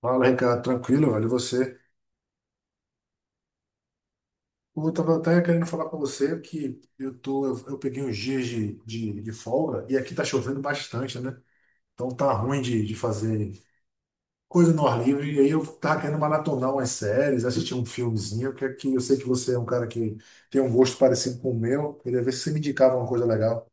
Fala, Ricardo, tranquilo, velho. E você? Eu tava até querendo falar com você que eu peguei uns dias de folga e aqui tá chovendo bastante, né? Então tá ruim de fazer coisa no ar livre. E aí eu tava querendo maratonar umas séries, assistir um filmezinho, que aqui eu sei que você é um cara que tem um gosto parecido com o meu. Queria ver se você me indicava uma coisa legal.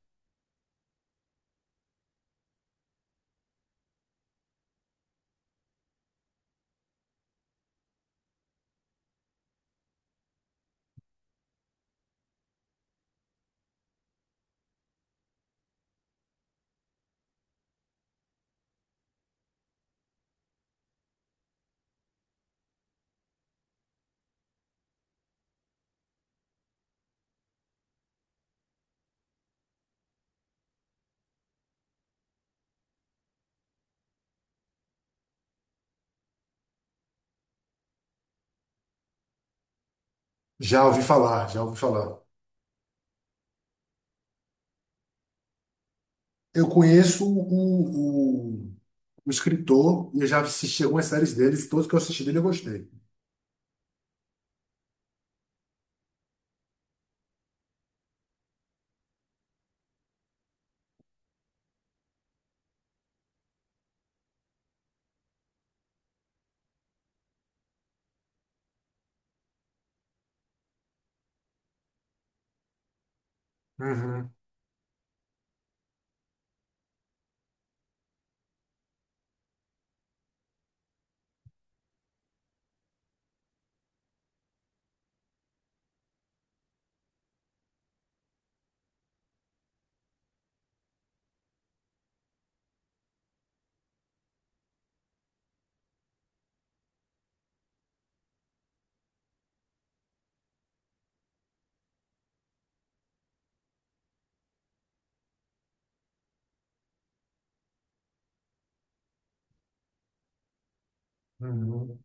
Já ouvi falar, já ouvi falar. Eu conheço o escritor e eu já assisti algumas séries dele, e todos que eu assisti dele eu gostei. Uhum, uhum.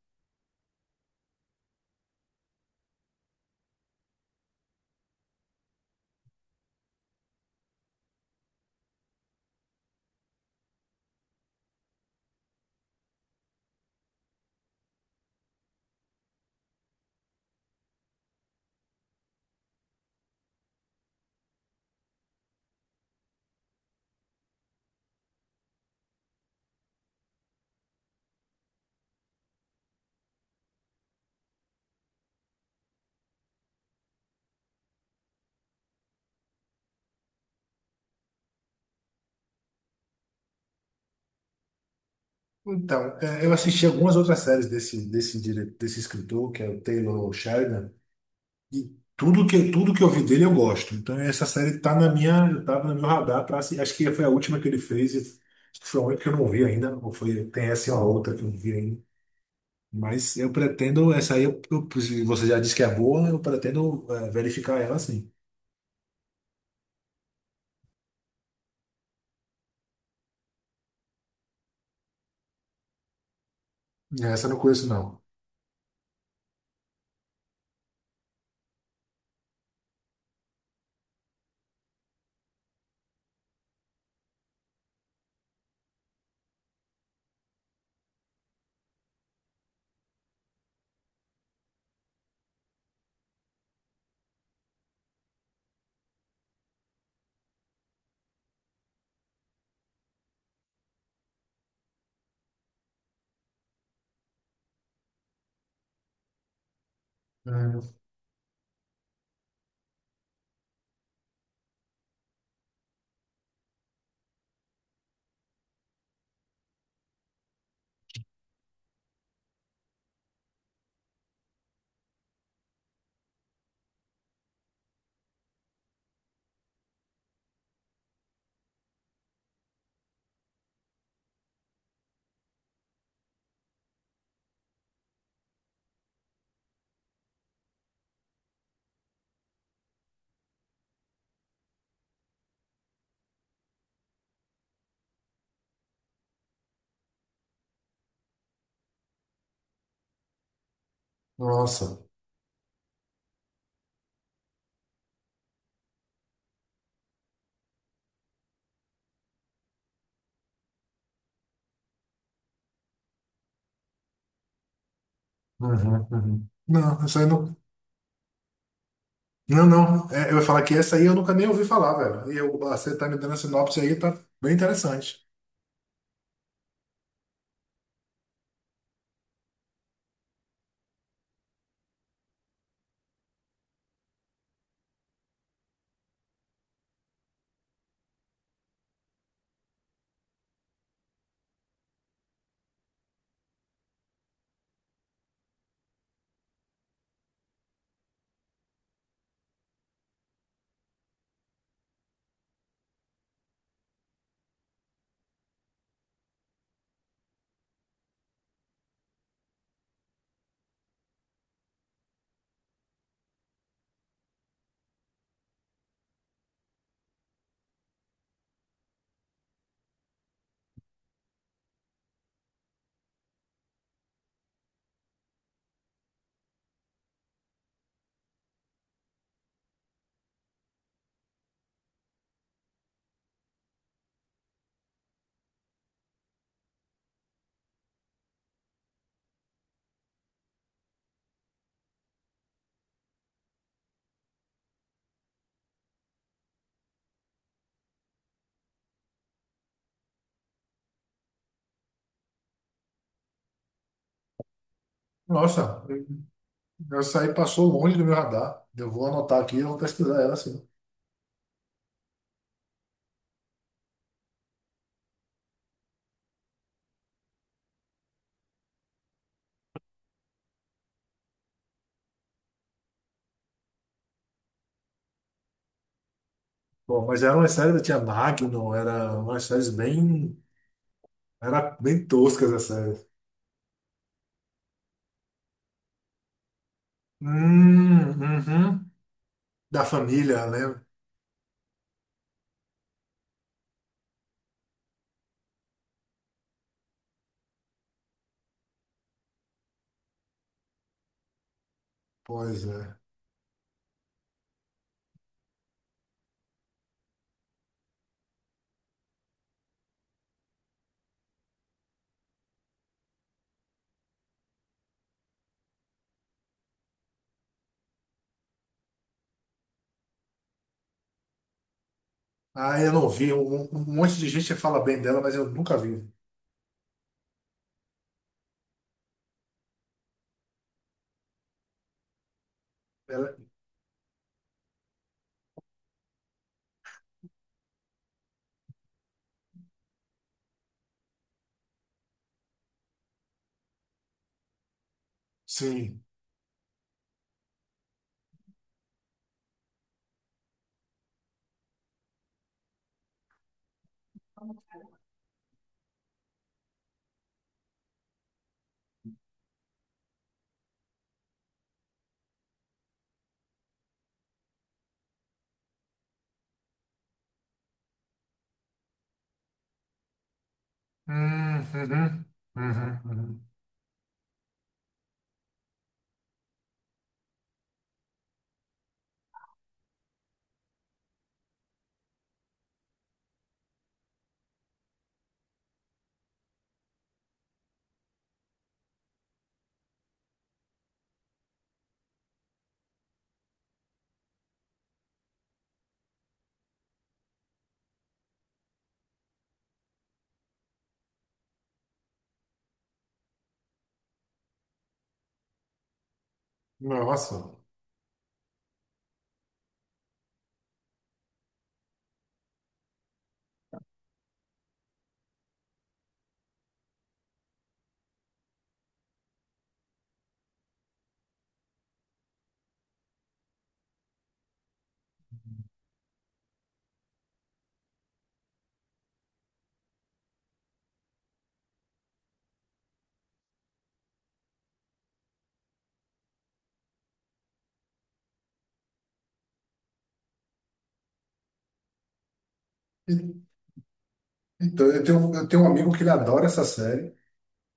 Então, é, eu assisti algumas outras séries desse desse escritor, que é o Taylor Sheridan, e tudo que eu vi dele eu gosto. Então, essa série tá na minha, tava no meu radar para acho que foi a última que ele fez, e acho que foi a única que eu não vi ainda, ou foi, tem essa e uma outra que eu não vi ainda. Mas eu pretendo, essa aí, eu se você já disse que é boa, eu pretendo é, verificar ela sim. Essa eu não conheço, não. Hum, nossa. Uhum, uhum. Não, essa aí não. Não, não. É, eu ia falar que essa aí eu nunca nem ouvi falar, velho. E eu, você tá me dando a sinopse aí, tá bem interessante. Nossa, essa aí passou longe do meu radar. Eu vou anotar aqui e vou pesquisar ela, sim. Bom, mas era uma série, tinha Magnum, era umas séries bem. Era bem toscas as séries. Uhum. Da família, né? Pois é. Ah, eu não vi. Um um monte de gente fala bem dela, mas eu nunca vi. Ela, sim. Uhum, uhum, uhum. Nossa. Então, eu tenho um amigo que ele adora essa série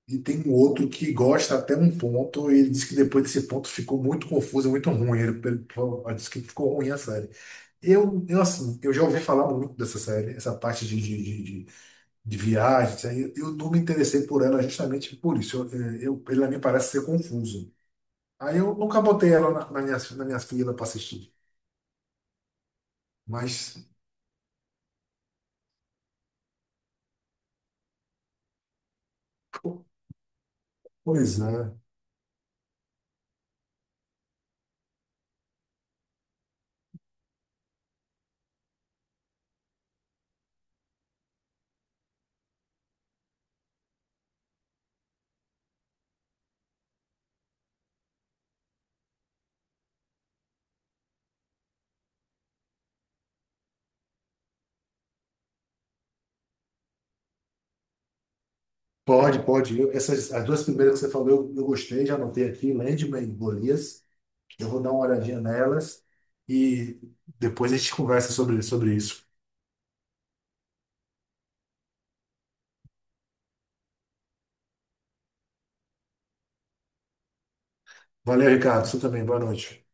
e tem um outro que gosta até um ponto e ele disse que depois desse ponto ficou muito confuso, muito ruim. Ele falou: "Ah, disse que ficou ruim a série." Assim, eu já ouvi falar muito dessa série, essa parte de de viagem, isso aí. Eu não me interessei por ela justamente por isso. Eu, ela me parece ser confuso. Aí eu nunca botei ela na, na minha fila para assistir. Mas, pois é. Pode, pode. Eu- essas, as duas primeiras que você falou, eu gostei, já anotei aqui, Landman e Golias. Eu vou dar uma olhadinha nelas e depois a gente conversa sobre, sobre isso. Valeu, Ricardo. Você também. Boa noite.